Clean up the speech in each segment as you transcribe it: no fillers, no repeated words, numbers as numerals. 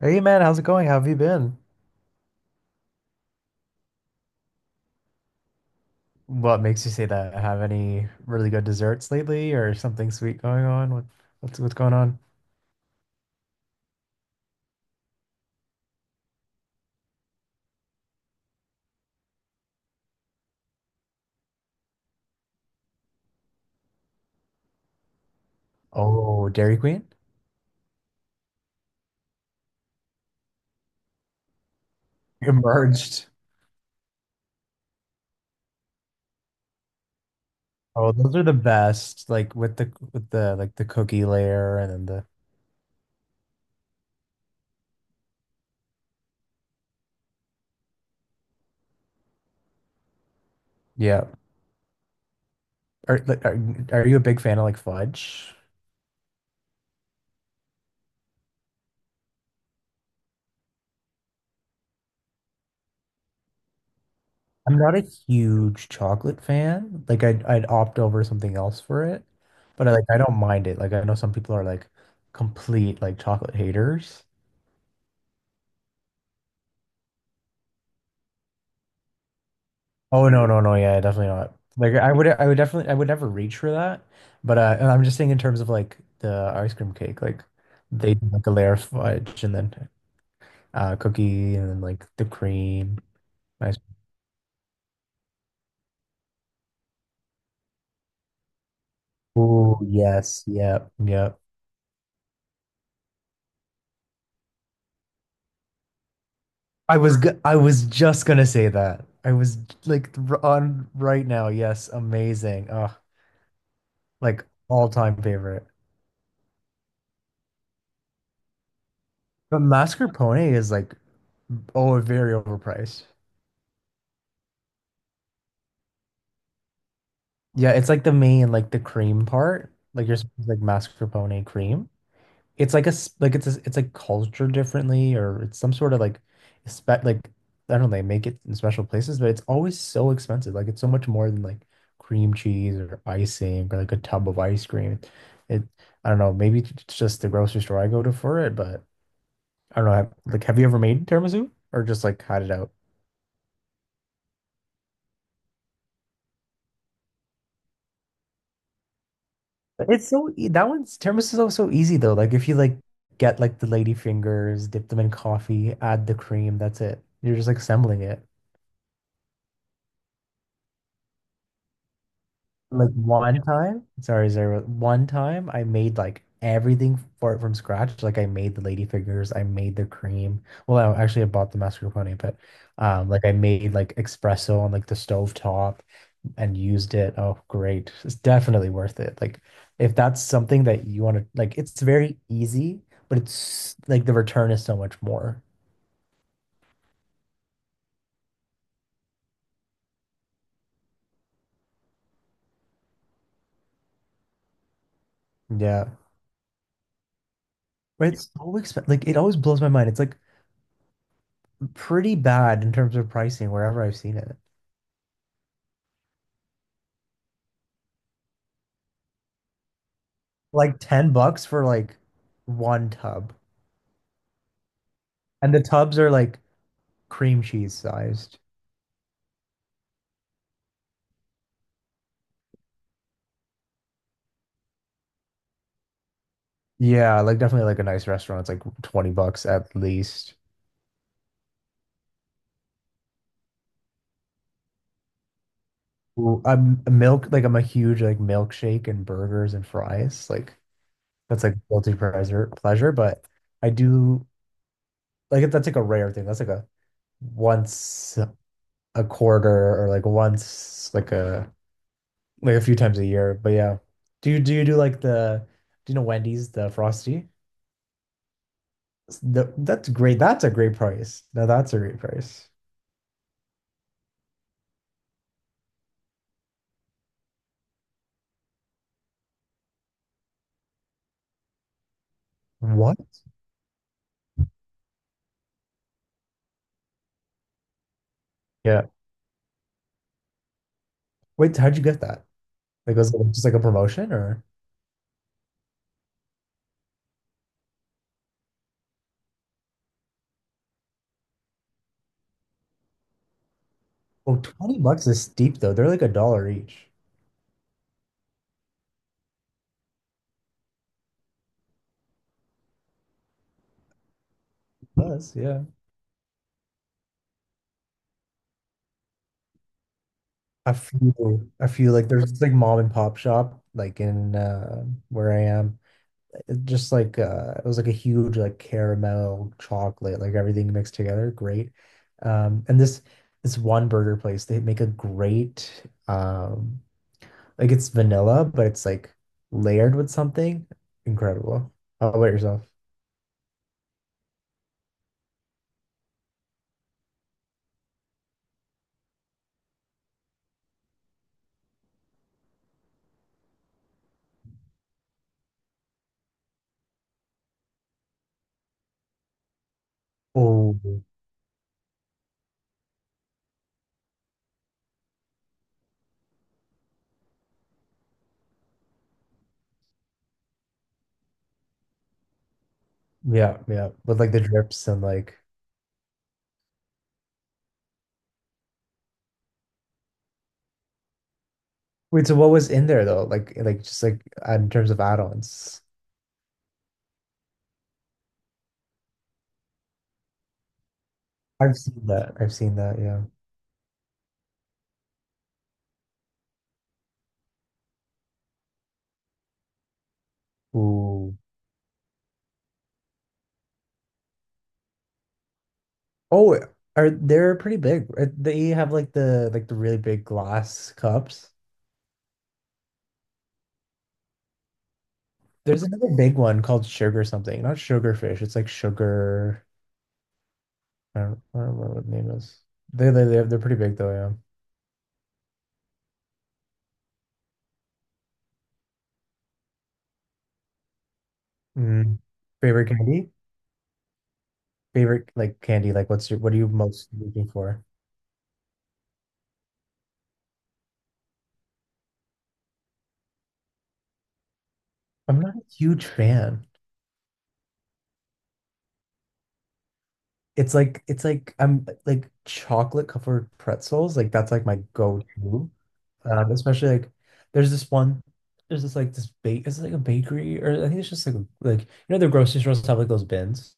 Hey man, how's it going? How have you been? What makes you say that? Have any really good desserts lately or something sweet going on? What's going on? Oh, Dairy Queen? Emerged. Oh, those are the best. Like with the with the cookie layer and then the yeah. Are like are, are you a big fan of like fudge? I'm not a huge chocolate fan. Like I'd opt over something else for it. But I like I don't mind it. Like I know some people are like complete like chocolate haters. Oh no, no, no, yeah, definitely not. Like I would definitely I would never reach for that. But and I'm just saying in terms of like the ice cream cake, like they do like a layer of fudge and then cookie and then like the cream. Ice. Oh yes, yep, yep. I was just gonna say that. I was like r- On right now, yes, amazing. Oh, like all time favorite. But mascarpone is like oh very overpriced. Yeah, it's like the main like the cream part. Like you're supposed to like mascarpone cream. It's like like it's like cultured differently or it's some sort of like spec like I don't know, they make it in special places, but it's always so expensive. Like it's so much more than like cream cheese or icing or like a tub of ice cream. It I don't know, maybe it's just the grocery store I go to for it, but I don't know. Have- Like have you ever made tiramisu or just like had it out? It's so e that one's tiramisu is also easy though. Like if you like get like the lady fingers, dip them in coffee, add the cream, that's it. You're just like assembling it. Like one time, sorry, Zara, one time I made like everything for it from scratch. Like I made the lady fingers, I made the cream. Well, I actually I bought the mascarpone, but like I made like espresso on like the stove top and used it. Oh, great. It's definitely worth it. Like if that's something that you want to like it's very easy, but it's like the return is so much more. Yeah. Right. It's so expensive. Like it always blows my mind. It's like pretty bad in terms of pricing wherever I've seen it. Like 10 bucks for like one tub. And the tubs are like cream cheese sized. Yeah, like definitely like a nice restaurant. It's like 20 bucks at least. Ooh, I'm a milk like I'm a huge like milkshake and burgers and fries. Like that's like guilty pleasure, pleasure, but I do like that's like a rare thing. That's like a once a quarter or like once like a few times a year. But yeah, do you do like the do you know Wendy's the Frosty? The, that's great. That's a great price. Now that's a great price. What? Yeah. Wait, how'd you get that? Like was it just like a promotion or? Oh, 20 bucks is steep though. They're like a dollar each. Plus, yeah. I feel like there's this like mom and pop shop like in where I am. It just like it was like a huge like caramel chocolate, like everything mixed together. Great. And this one burger place, they make a great like it's vanilla, but it's like layered with something. Incredible. How about yourself? Oh yeah, yeah. With like the drips and like wait, so what was in there though? Like just like in terms of add-ons. I've seen that. I've seen that, yeah. Ooh. Oh, are they're pretty big. They have like the really big glass cups. There's another big one called sugar something. Not sugarfish. It's like sugar. I don't remember what the name is. They're pretty big though, yeah. Mm. Favorite candy? Favorite like candy? Like what's your what are you most looking for? I'm not a huge fan. It's like I'm like chocolate covered pretzels. Like that's like my go-to. Especially like there's this one, there's this like this bake it's like a bakery or I think it's just like a- like you know the grocery stores have like those bins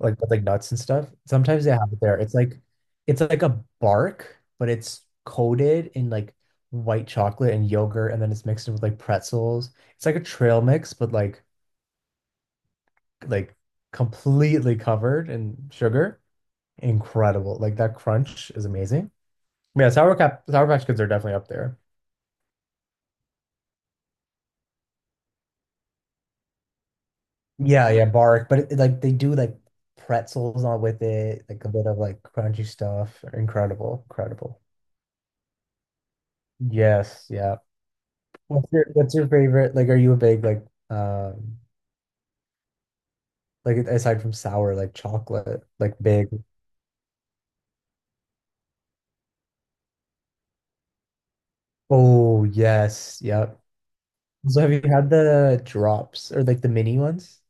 like with like nuts and stuff. Sometimes they have it there. It's like a bark, but it's coated in like white chocolate and yogurt, and then it's mixed in with like pretzels. It's like a trail mix, but like completely covered in sugar incredible. Like that crunch is amazing. Yeah, Sour Patch Kids are definitely up there. Yeah, yeah, bark, but it, like they do like pretzels on with it, like a bit of like crunchy stuff. Incredible, incredible. Yes, yeah. What's your favorite? Like, are you a big um like aside from sour, like chocolate, like big? Oh yes, yep. So have you had the drops or like the mini ones?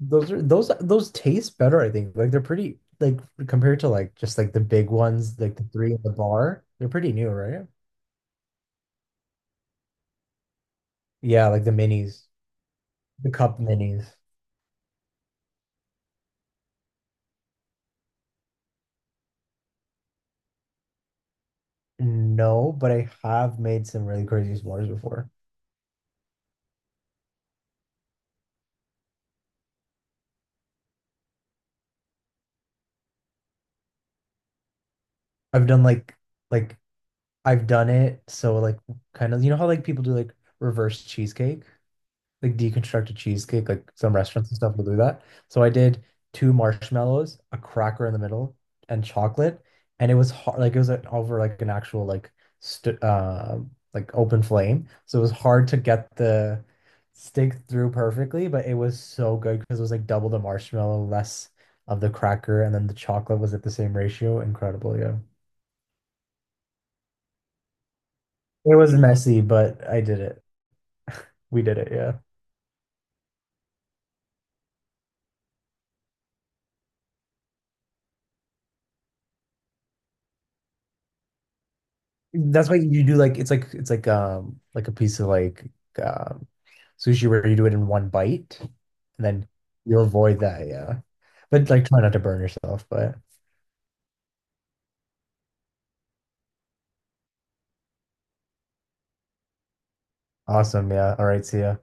Those are those taste better, I think. Like they're pretty like compared to like just like the big ones, like the three in the bar. They're pretty new, right? Yeah, like the minis, the cup minis. No, but I have made some really crazy s'mores before. I've done like I've done it so like kind of you know how like people do like reverse cheesecake? Like deconstruct a cheesecake. Like some restaurants and stuff will do that. So I did two marshmallows, a cracker in the middle, and chocolate. And it was hard, like it was like, over like an actual like st like open flame. So it was hard to get the stick through perfectly, but it was so good because it was like double the marshmallow, less of the cracker, and then the chocolate was at the same ratio. Incredible, yeah. It was messy, but I did it. We did it, yeah. That's why you do like it's like like a piece of like um sushi where you do it in one bite and then you avoid that, yeah. But like try not to burn yourself, but awesome, yeah. All right, see ya.